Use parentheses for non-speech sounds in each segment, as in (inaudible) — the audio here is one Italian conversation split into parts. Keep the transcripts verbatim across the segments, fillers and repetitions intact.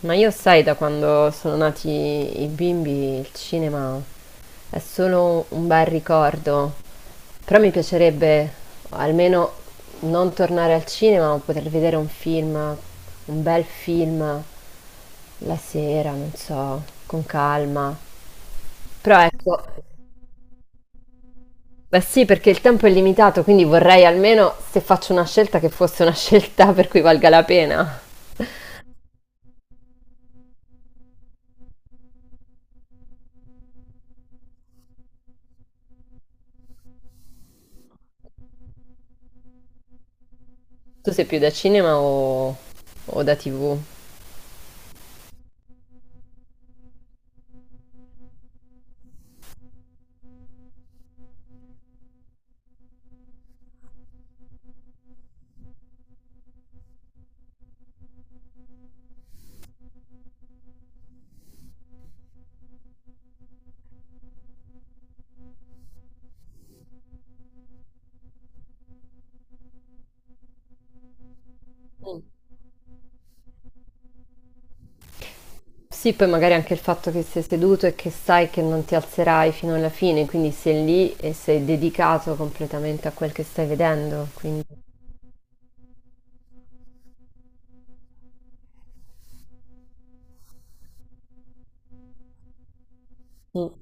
Ma io sai, da quando sono nati i bimbi, il cinema è solo un bel ricordo. Però mi piacerebbe almeno non tornare al cinema, ma poter vedere un film, un bel film la sera, non so, con calma. Però ecco, beh sì, perché il tempo è limitato, quindi vorrei almeno se faccio una scelta che fosse una (laughs) scelta per cui valga la pena. Tu sei più da cinema o, o da ti vu? Sì, poi magari anche il fatto che sei seduto e che sai che non ti alzerai fino alla fine, quindi sei lì e sei dedicato completamente a quel che stai vedendo, quindi mm,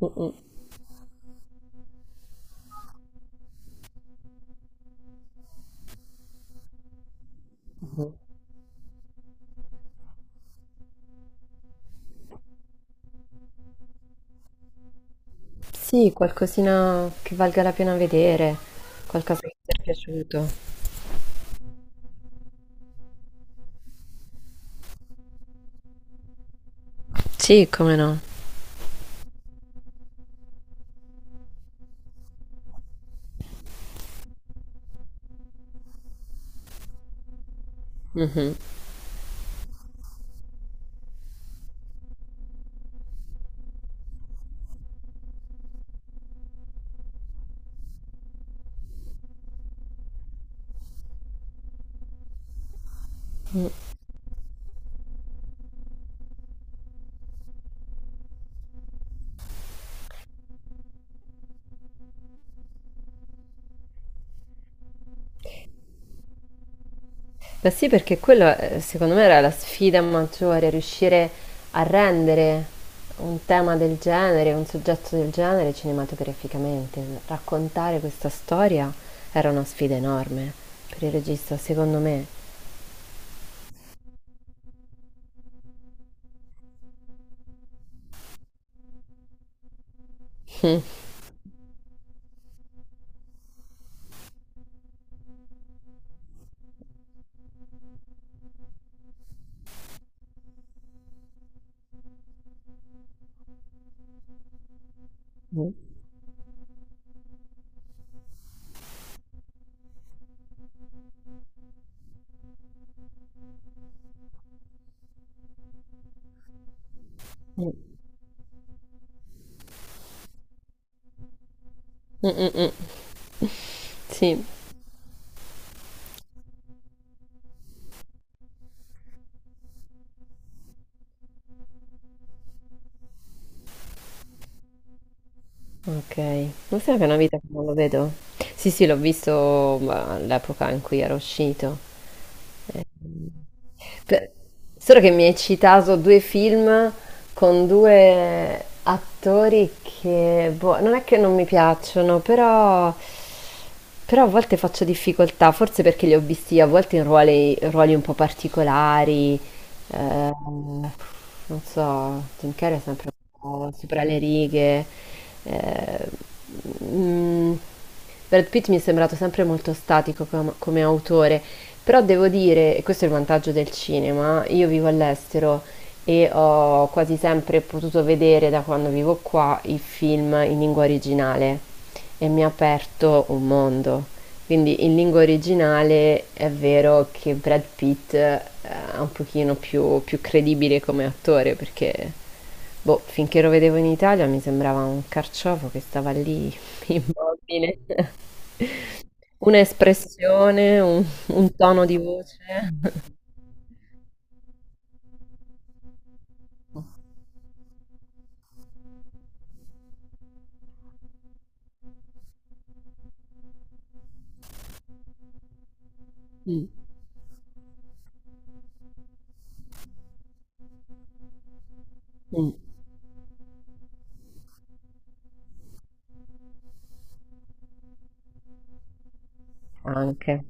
mm, mm. Mhm. Sì, qualcosina che valga la pena vedere, qualcosa che ti è piaciuto. Sì, come no. Mhm. Beh sì, perché quello eh, secondo me era la sfida maggiore, riuscire a rendere un tema del genere, un soggetto del genere cinematograficamente. Raccontare questa storia era una sfida enorme per il regista, secondo me. Mm, mm, mm, mm. Sì, ok. Non so, che è una vita che non lo vedo. Sì, sì, l'ho visto ma, all'epoca in cui era uscito. Per- Solo che mi hai citato due film con due attori che, boh, non è che non mi piacciono, però, però a volte faccio difficoltà, forse perché li ho visti a volte in ruoli, ruoli un po' particolari, eh, non so, Jim Carrey è sempre oh, sopra le righe. eh, mm, Brad Pitt mi è sembrato sempre molto statico com- come autore, però devo dire, e questo è il vantaggio del cinema, io vivo all'estero e ho quasi sempre potuto vedere da quando vivo qua i film in lingua originale e mi ha aperto un mondo. Quindi in lingua originale è vero che Brad Pitt eh, è un pochino più, più credibile come attore perché, boh, finché lo vedevo in Italia mi sembrava un carciofo che stava lì (laughs) immobile. Un'espressione, un, un tono di voce. Mm, mm, anche.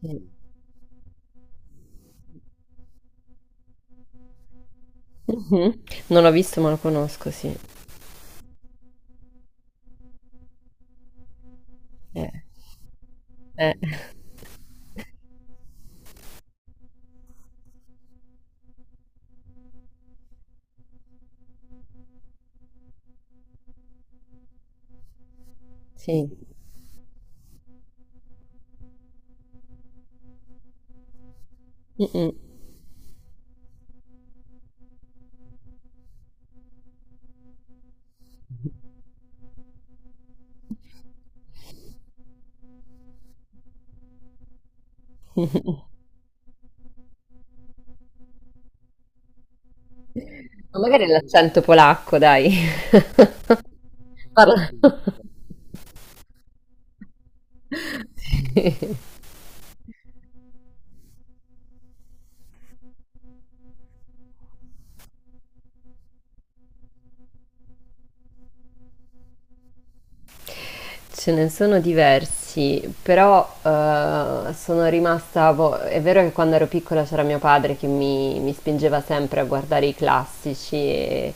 Sì. Mhm. Non l'ho visto ma lo conosco, sì. Eh, eh, sì. Mm, mm. (laughs) Ma magari è l'accento polacco, dai. (laughs) Parla. (laughs) Sì. Ce ne sono diversi, però eh, sono rimasta... boh, è vero che quando ero piccola c'era mio padre che mi, mi spingeva sempre a guardare i classici e,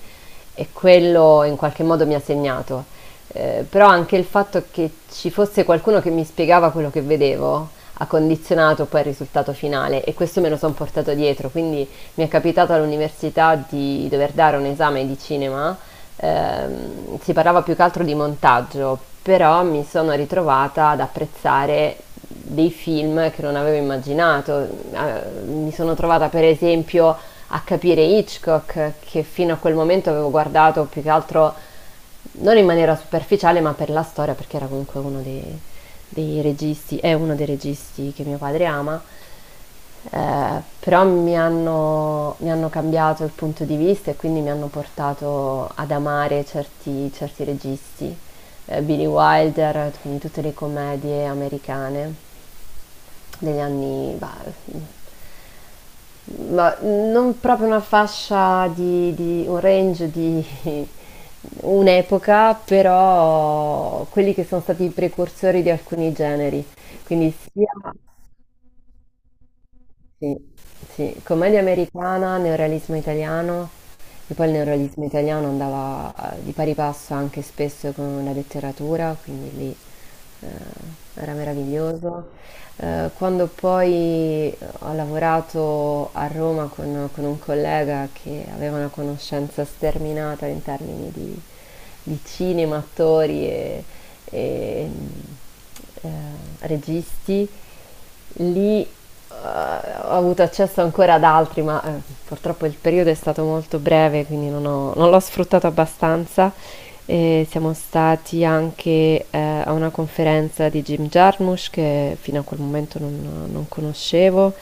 e quello in qualche modo mi ha segnato. Eh, però anche il fatto che ci fosse qualcuno che mi spiegava quello che vedevo ha condizionato poi il risultato finale e questo me lo sono portato dietro. Quindi mi è capitato all'università di dover dare un esame di cinema, ehm, si parlava più che altro di montaggio, però mi sono ritrovata ad apprezzare dei film che non avevo immaginato. Eh, mi sono trovata per esempio a capire Hitchcock, che fino a quel momento avevo guardato più che altro non in maniera superficiale, ma per la storia, perché era comunque uno dei dei registi è uno dei registi che mio padre ama, ehm, però mi hanno mi hanno cambiato il punto di vista e quindi mi hanno portato ad amare certi certi registi, ehm, Billy Wilder, quindi tutte le commedie americane degli anni, bah, mhmm, ma non proprio una fascia di di un range di (laughs) un'epoca, però quelli che sono stati i precursori di alcuni generi. Quindi sia sì, sì, commedia americana, neorealismo italiano, e poi il neorealismo italiano andava eh, di pari passo anche spesso con la letteratura, quindi lì, ehm, era meraviglioso. Ehm, quando poi ho lavorato a Roma con, con un collega che aveva una conoscenza sterminata in termini di, di cinema, attori e, e, eh, registi. Lì eh, ho avuto accesso ancora ad altri, ma eh, purtroppo il periodo è stato molto breve, quindi non, ho- non l'ho sfruttato abbastanza. E siamo stati anche, ehm, a una conferenza di Jim Jarmusch che fino a quel momento non non conoscevo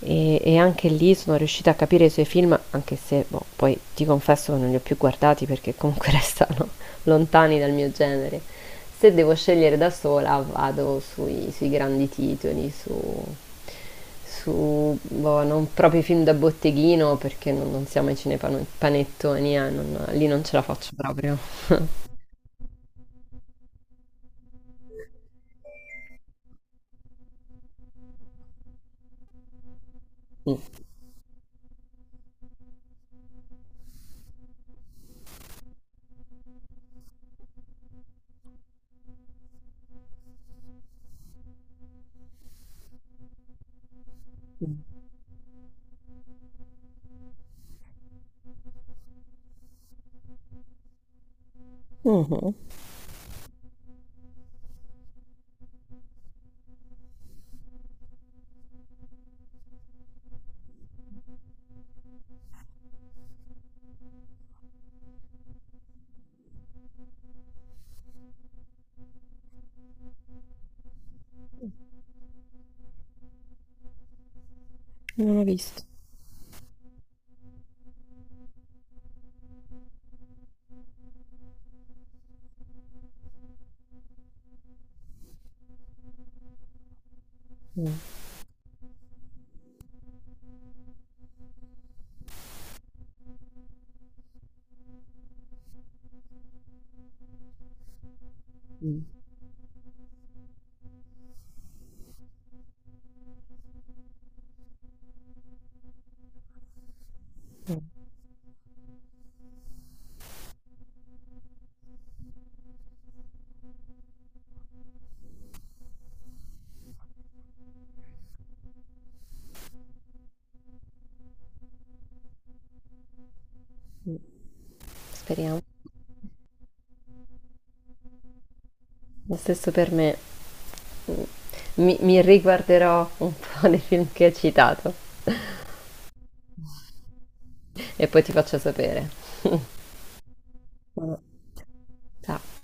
e e anche lì sono riuscita a capire i suoi film, anche se, boh, poi ti confesso che non li ho più guardati perché comunque (laughs) restano lontani dal mio genere. Se devo scegliere da sola vado sui sui grandi titoli, su su, boh, non proprio i film da botteghino perché non non siamo ai cinepanon panettoni, eh, non lì non ce la faccio proprio. Mm. Mhm. Non ho visto. Mm. Mm, mm. Speriamo. Lo stesso per me. Mm, Mi, mi riguarderò un po' (laughs) dei film che hai citato e poi ti faccio sapere. (laughs) Ma- Ciao.